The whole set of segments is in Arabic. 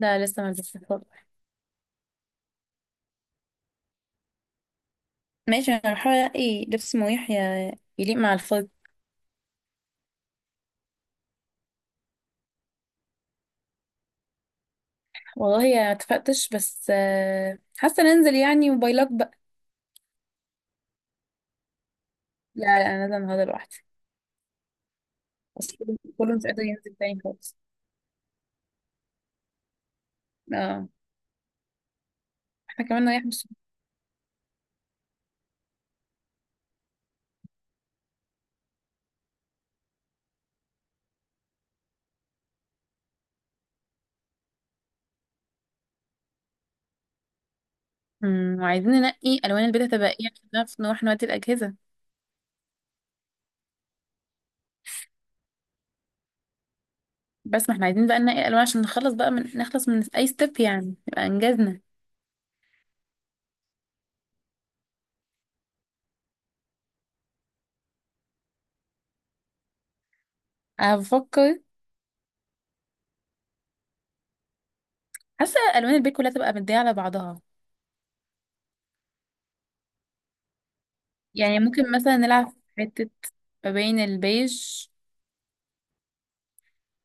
لا، لسه ما لبستش الفستق. ماشي، انا بحاول الاقي لبس مريح يليق مع الفستق. والله يا اتفقتش بس حاسه ننزل يعني، وباي لك بقى. لا لا، انا نازله النهارده لوحدي. بس كله كله مش قادر ينزل تاني خالص. اه. احنا كمان رايح مش. وعايزين ننقي الوان البيت هتبقى ايه عشان نعرف نروح نودي الاجهزه. بس ما احنا عايزين بقى ننقي الوان عشان نخلص بقى نخلص من اي ستيب يعني، يبقى انجزنا. انا بفكر. حاسه الوان البيت كلها تبقى مديه على بعضها. يعني ممكن مثلا نلعب في حته ما بين البيج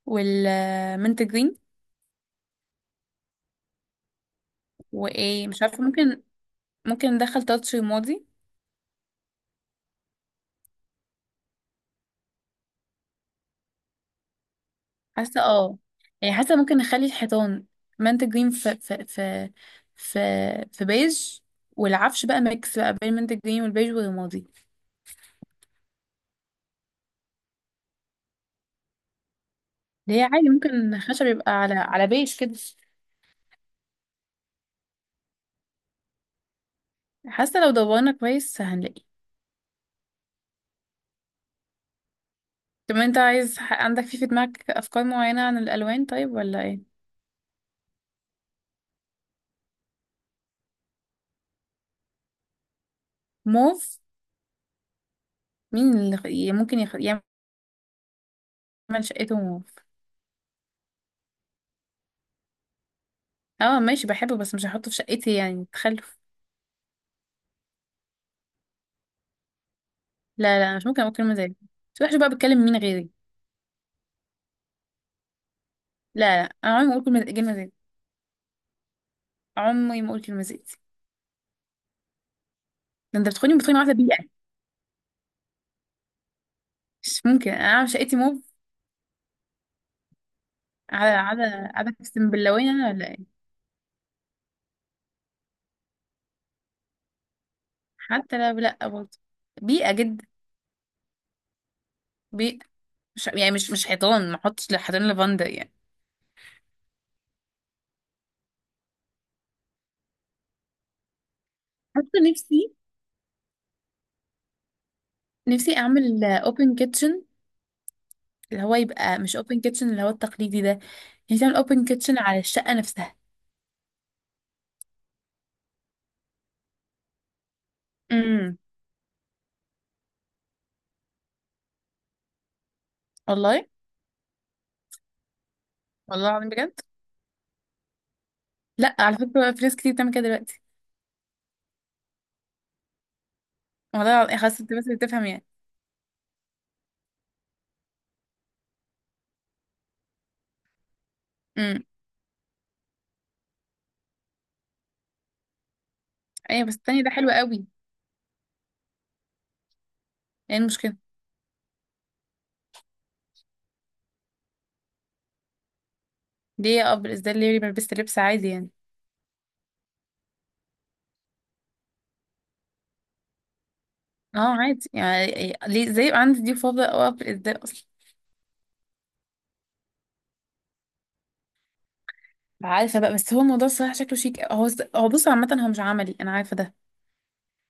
والمنت جرين. وايه، مش عارفه، ممكن ندخل تاتش رمادي. حاسه، اه. يعني حاسه ممكن نخلي الحيطان منت جرين في في بيج، والعفش بقى ميكس بقى بين المنت جرين والبيج والرمادي. اللي هي عادي، ممكن خشب يبقى على بيج كده. حاسه لو دورنا كويس هنلاقي. طب انت عايز عندك في دماغك افكار معينه عن الالوان، طيب، ولا ايه؟ موف. مين اللي ممكن يعمل شقته موف؟ اه، ماشي، بحبه بس مش هحطه في شقتي يعني، تخلف. لا لا، أنا مش ممكن اقول كلمه زي دي. مش وحشه بقى؟ بتكلم مين غيري؟ لا لا، انا عمري ما اقول كلمه كلمه زي دي. عمري ما اقول كلمه زي دي. ده انت بتخوني بتخوني، واحده بيئه! مش ممكن انا عامل شقتي موف. على على على اقسم باللوين انا ولا ايه؟ حتى، لا لا، برضه. بيئه جدا. بيئه. مش يعني مش حيطان، ما احطش حيطان لافندر يعني. حتى نفسي، نفسي اعمل اوبن كيتشن. اللي هو يبقى مش اوبن كيتشن اللي هو التقليدي ده. يعني تعمل اوبن كيتشن على الشقه نفسها. امم. والله. والله العظيم بجد. لا، على فكرة، في ناس كتير بتعمل كده دلوقتي. والله العظيم، حاسة انت بس بتفهم يعني. امم. ايوه، بس التانية ده حلو قوي. ايه المشكلة؟ ليه اقف بالإزاي؟ ليه ما لبست لبس عادي يعني؟ اه، عادي يعني. ليه، ازاي يبقى عندي دي فاضة او اقف بالإزاي اصلا؟ عارفة بقى، بس هو الموضوع الصراحة شكله شيك، هو. هو بص، عامة هو مش عملي، انا عارفة ده.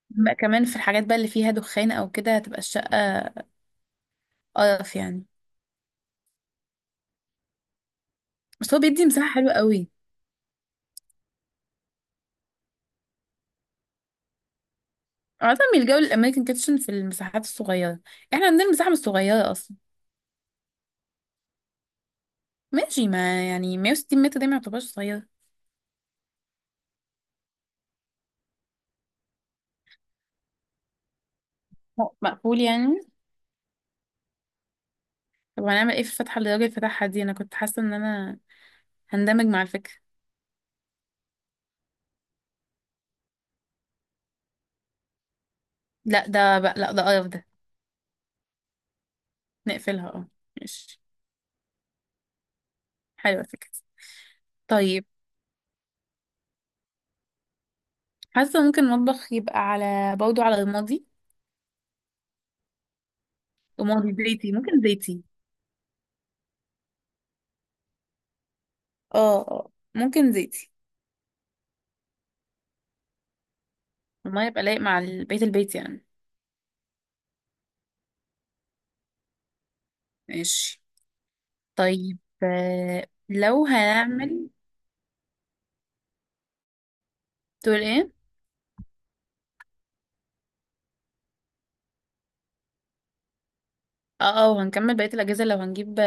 بقى كمان في الحاجات بقى اللي فيها دخان او كده، هتبقى الشقة قرف يعني. بس هو بيدي مساحة حلوة قوي. عادة بيلجأوا للأمريكان كيتشن في المساحات الصغيرة. احنا عندنا المساحة مش صغيرة. ماشي، ما يعني 160 متر ده ما يعتبرش صغير. هو مقفول يعني؟ طب هنعمل ايه في الفتحة اللي الراجل فتحها دي؟ انا كنت حاسة ان انا هندمج مع الفكرة. لا، ده بقى، لا، ده قرف ده. نقفلها، اه. ماشي. حلوة الفكرة. طيب. حاسة ممكن المطبخ يبقى على، برضه، على رمادي. رمادي زيتي، ممكن زيتي. اه اه، ممكن زيتي. المية يبقى لايق مع البيت، البيت يعني. ماشي، طيب، لو هنعمل. تقول ايه؟ اه اه، وهنكمل بقية الأجهزة. لو هنجيب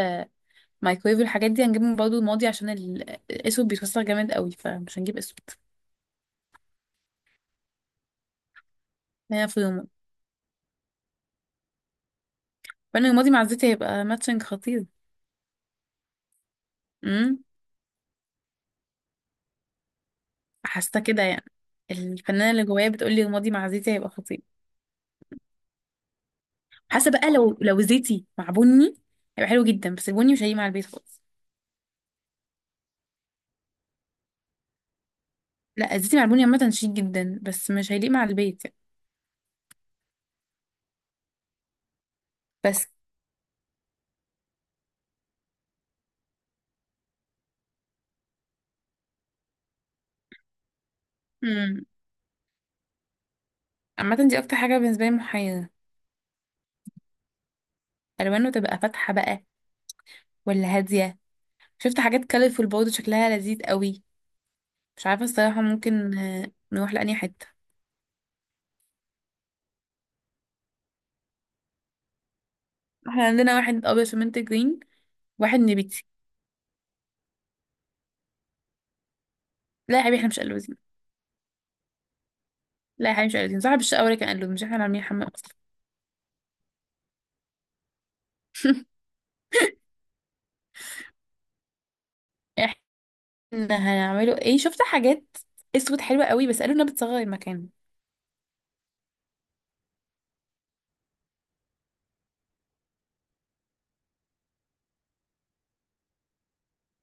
مايكرويف والحاجات دي، هنجيب من برضه رمادي، عشان الاسود بيتوسخ جامد قوي، فمش هنجيب اسود. هنا في رمادي. فانا رمادي مع الزيت هيبقى ماتشنج خطير. امم. حاسه كده يعني. الفنانه اللي جوايا بتقول لي رمادي مع زيتي هيبقى خطير. حاسه بقى لو زيتي مع بني هيبقى حلو جدا، بس البني مش هيليق مع البيت خالص. لا، الزيتي مع البني عامه شيك جدا، بس مش هيليق مع البيت يعني. بس. امم. عامه دي اكتر حاجه بالنسبه لي محيره. الوانه تبقى فاتحه بقى، ولا هاديه؟ شفت حاجات كالرفول برضه شكلها لذيذ قوي. مش عارفة الصراحة، ممكن نروح لأني حتة. احنا عندنا واحد أبيض فمنت جرين. واحد نبيتي. لا يا حبيبي، احنا مش قلوزين. لا يا حبيبي، مش قلوزين، صاحب الشقة هو اللي كان قلوز، مش احنا اللي عاملين حمام أصلا. احنا هنعمله ايه؟ شفت حاجات اسود حلوة قوي، بس قالوا انها بتصغر المكان.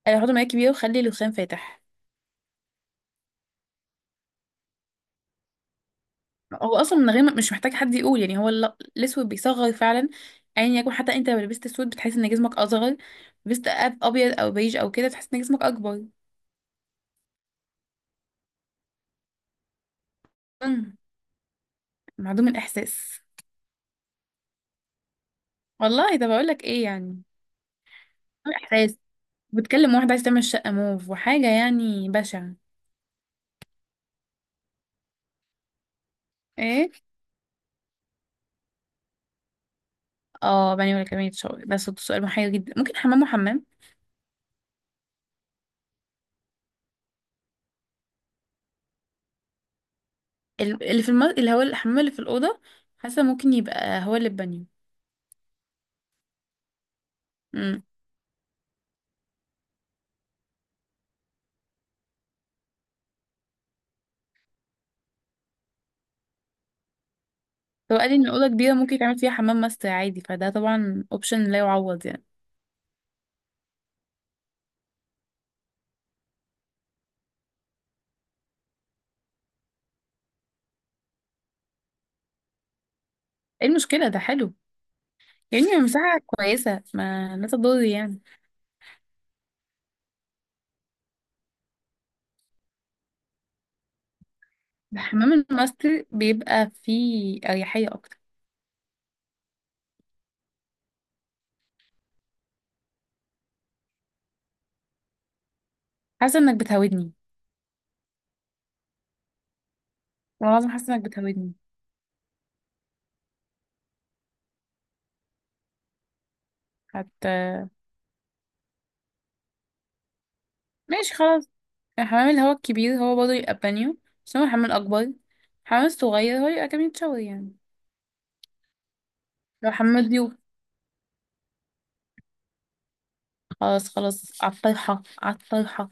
قالوا حطوا مراية كبيرة وخلي الرخام فاتح. هو أصلا من غير مش محتاج حد يقول، يعني هو الأسود بيصغر فعلا. أيا يعني يكن، حتى أنت لو لبست أسود بتحس إن جسمك أصغر. لبست أبيض أو بيج أو كده، بتحس إن جسمك أكبر. مم. معدوم الإحساس. والله ده بقولك ايه يعني. عامل احساس. بتكلم واحدة عايزة تعمل شقة موف وحاجة يعني بشعة. ايه؟ اه، بني ولا كمية شغل، ده صوت سؤال محير جدا، ممكن حمام وحمام. اللي هو الحمام اللي في الأوضة. حاسة ممكن يبقى هو اللي البانيو. امم. هو قال لي ان الأوضة كبيرة، ممكن يتعمل فيها حمام ماستر عادي، فده طبعا اوبشن لا يعوض يعني. ايه المشكلة؟ ده حلو، يعني مساحة كويسة، ما لا تضر يعني. الحمام الماستر بيبقى فيه أريحية أكتر. حاسة انك بتهودني. والله العظيم حاسة انك بتهودني. ماشي، خلاص. الحمام اللي هو الكبير، هو برضه يبقى بانيو، بس هو الحمام الأكبر. الحمام الصغير هو يبقى كمية شوي يعني. لو حمام ضيوف. خلاص خلاص، عالطرحة عالطرحة.